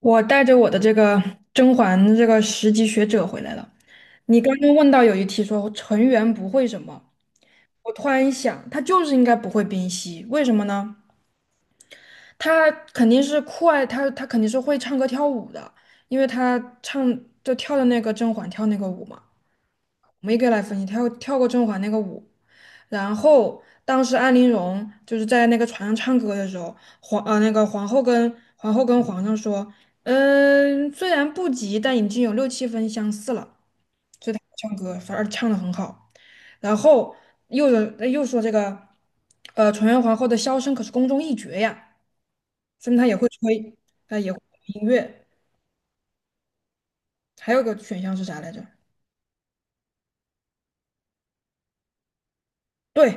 我带着我的这个甄嬛这个10级学者回来了。你刚刚问到有一题说纯元不会什么，我突然一想，他就是应该不会冰嬉，为什么呢？他肯定是酷爱他，他肯定是会唱歌跳舞的，因为他唱就跳的那个甄嬛跳那个舞嘛。我们一个来分析，跳过甄嬛那个舞，然后当时安陵容就是在那个船上唱歌的时候，那个皇后跟皇上说，虽然不及，但已经有六七分相似了，唱歌反而唱得很好。然后又说这个，纯元皇后的箫声可是宫中一绝呀，说明她也会吹，她也会音乐。还有个选项是啥来着？对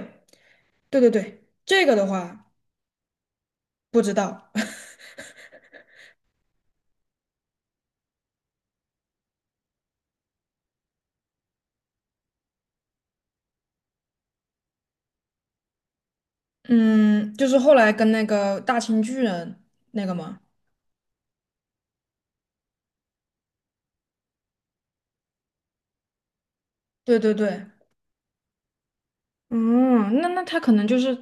对对对，这个的话不知道。嗯，就是后来跟那个大清巨人那个吗？对对对，嗯，那他可能就是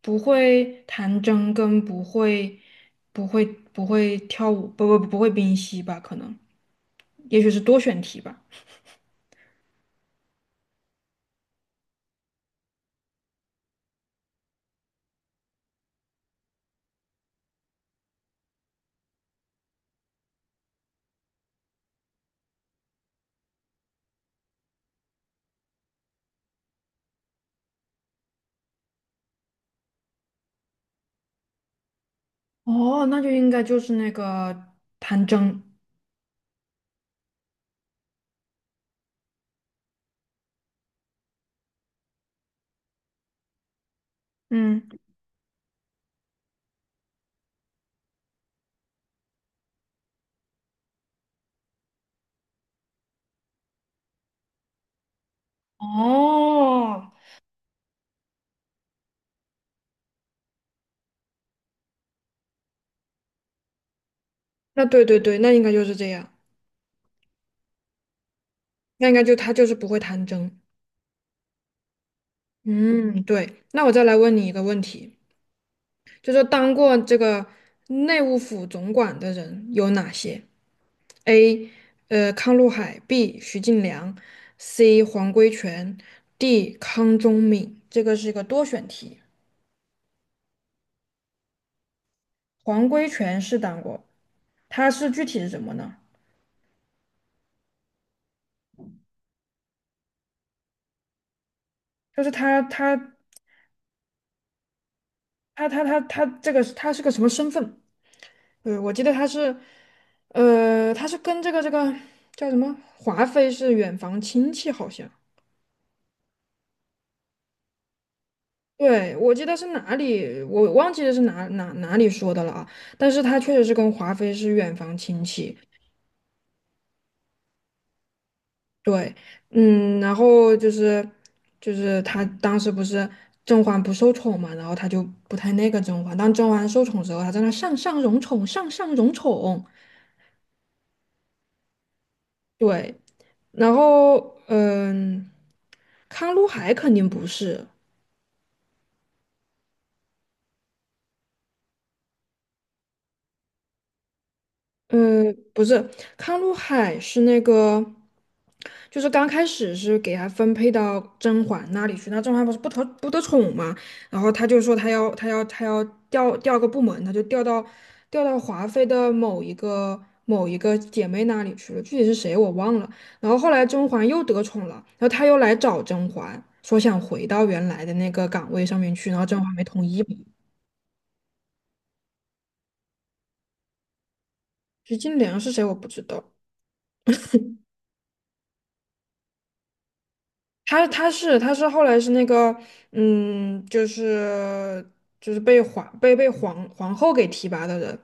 不会弹筝，跟不会跳舞，不会冰嬉吧？可能，也许是多选题吧。哦，那就应该就是那个弹筝。嗯，哦，那对对对，那应该就是这样，那应该就他就是不会弹筝。嗯，对，那我再来问你一个问题。就说当过这个内务府总管的人有哪些？A. 康禄海；B. 徐敬良；C. 黄规全；D. 康宗敏。这个是一个多选题。黄规全是当过，他是具体是什么呢？就是他这个他是个什么身份？我记得他是，他是跟这个叫什么华妃是远房亲戚，好像。对，我记得是哪里，我忘记了是哪里说的了啊。但是他确实是跟华妃是远房亲戚。对，嗯，然后就是他当时不是甄嬛不受宠嘛，然后他就不太那个甄嬛。当甄嬛受宠时候，他在那上上荣宠，上上荣宠。对，然后嗯，康禄海肯定不是，嗯，不是，康禄海是那个，就是刚开始是给他分配到甄嬛那里去，那甄嬛不是不得宠嘛，然后他就说他要调个部门，他就调到华妃的某一个姐妹那里去了，具体是谁我忘了。然后后来甄嬛又得宠了，然后他又来找甄嬛，说想回到原来的那个岗位上面去，然后甄嬛没同意嘛，实金莲是谁我不知道。他是后来是那个嗯，就是就是被皇后给提拔的人，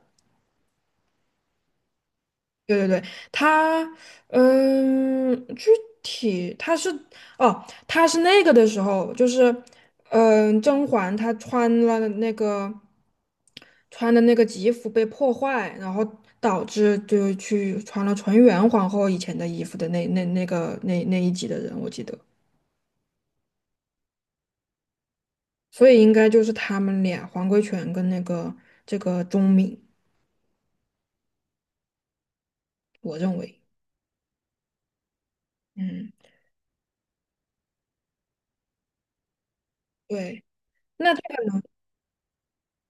对对对，他具体他是哦，他是那个的时候，就是甄嬛她穿的那个吉服被破坏，然后导致就去穿了纯元皇后以前的衣服的那一集的人，我记得。所以应该就是他们俩，黄贵全跟那个这个钟敏，我认为，嗯，对，那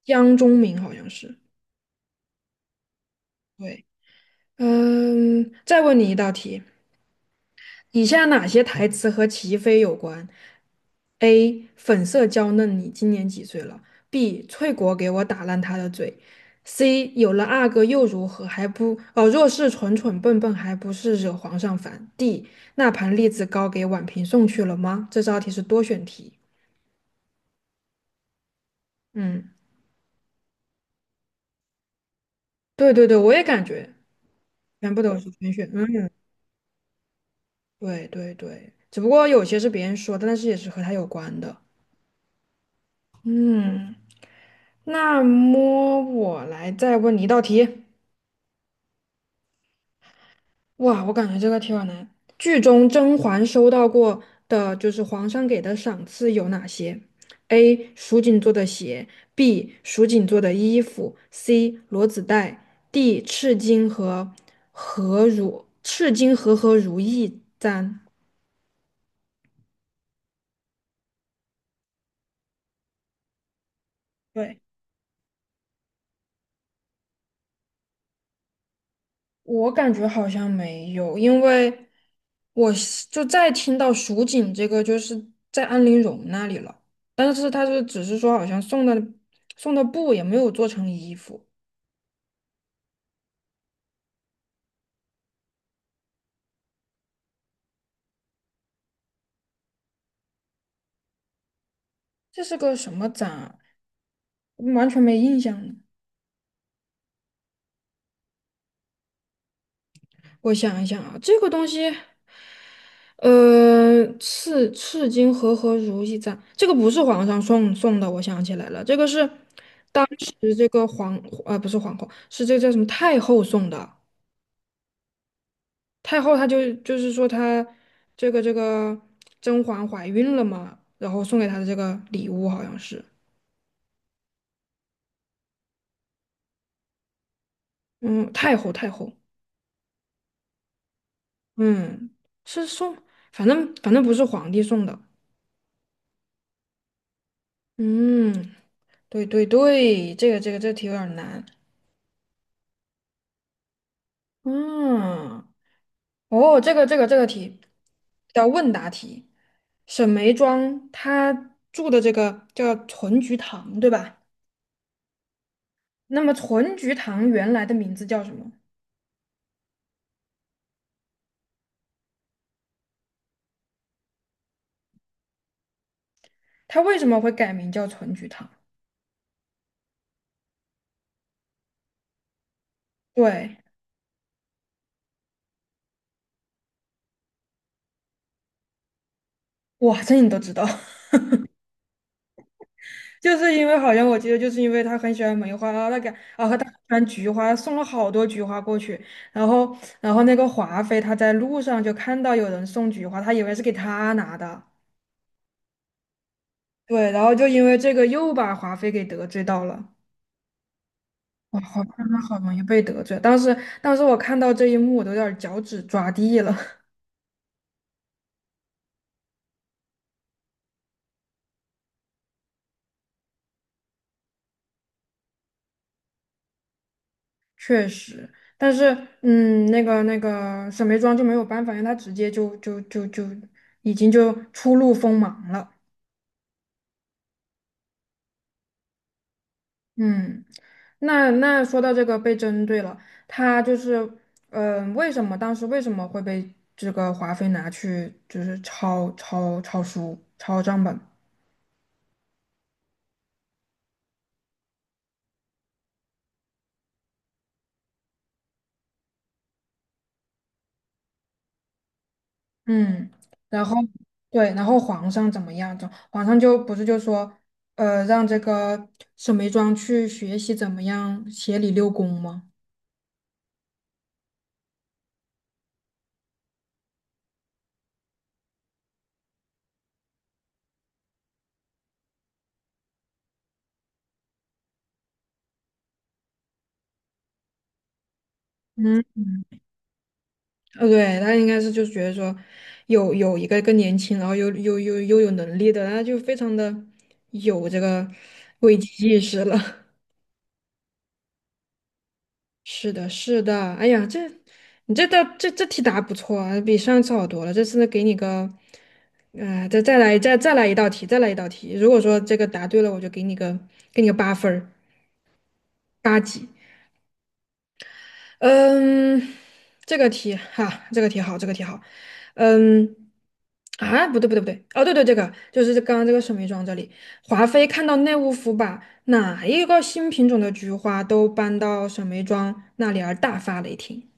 江钟敏好像是，对，嗯，再问你一道题，以下哪些台词和齐飞有关？A. 粉色娇嫩，你今年几岁了？B. 翠果给我打烂他的嘴。C. 有了阿哥又如何？还不哦，若是蠢蠢笨笨，还不是惹皇上烦。D. 那盘栗子糕给婉嫔送去了吗？这道题是多选题。嗯，对对对，我也感觉全部都是玄学。嗯，对对对，只不过有些是别人说的，但是也是和他有关的。嗯，那么我来再问你一道题。哇，我感觉这个题好难。剧中甄嬛收到过的就是皇上给的赏赐有哪些？A. 蜀锦做的鞋，B. 蜀锦做的衣服，C. 罗子带，D. 赤金和和如意簪。对。我感觉好像没有，因为我是就再听到蜀锦这个，就是在安陵容那里了，但是他是只是说好像送的布也没有做成衣服，这是个什么展啊？完全没印象呢。我想一想啊，这个东西，赤金和和如意簪，这个不是皇上送的，我想起来了，这个是当时这个皇，不是皇后，是这个叫什么太后送的。太后她就是说她这个甄嬛怀孕了嘛，然后送给她的这个礼物好像是，嗯，太后太后，嗯，是送，反正不是皇帝送的，嗯，对对对，这个题有点难，嗯，哦，这个题叫问答题，沈眉庄她住的这个叫纯菊堂，对吧？那么纯菊堂原来的名字叫什么？他为什么会改名叫纯菊糖？对，哇，这你都知道，就是因为好像我记得，就是因为他很喜欢梅花，然后他给喜欢菊花，送了好多菊花过去。然后那个华妃她在路上就看到有人送菊花，她以为是给她拿的，对，然后就因为这个又把华妃给得罪到了。哇，华妃她好容易被得罪，当时我看到这一幕，我都有点儿脚趾抓地了。确实，但是那个沈眉庄就没有办法，因为她直接就已经就初露锋芒了。嗯，那说到这个被针对了，她就是为什么会被这个华妃拿去就是抄书抄账本？嗯，然后对，然后皇上怎么样？就皇上就不是就说让这个沈眉庄去学习怎么样协理六宫吗？嗯。对，他应该是就是觉得说有一个更年轻，然后又有能力的，他就非常的有这个危机意识了。是的，是的，哎呀，这道题答不错啊，比上次好多了。这次呢，给你个，再来一道题，再来一道题。如果说这个答对了，我就给你个8分儿，八级。嗯，这个题哈，这个题好，这个题好。嗯，啊，不对不对不对，哦对对，这个就是刚刚这个沈眉庄这里，华妃看到内务府把哪一个新品种的菊花都搬到沈眉庄那里而大发雷霆。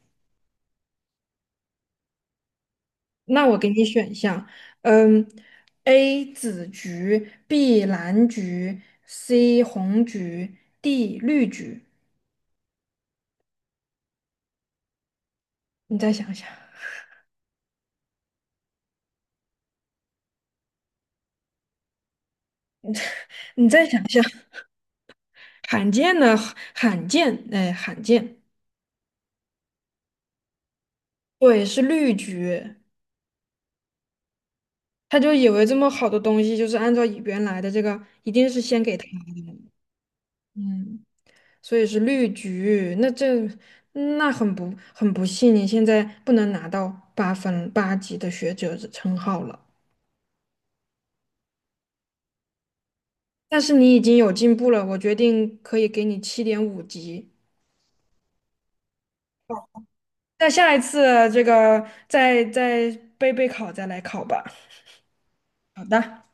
那我给你选项，嗯，A 紫菊，B 蓝菊，C 红菊，D 绿菊。你再想想，你再想想，罕见的罕见，哎，罕见。对，是绿菊，他就以为这么好的东西就是按照原来的这个，一定是先给他的，嗯，所以是绿菊，那很不幸，你现在不能拿到8分8级的学者的称号了，但是你已经有进步了，我决定可以给你7.5级，那下一次这个再备考再来考吧。好的。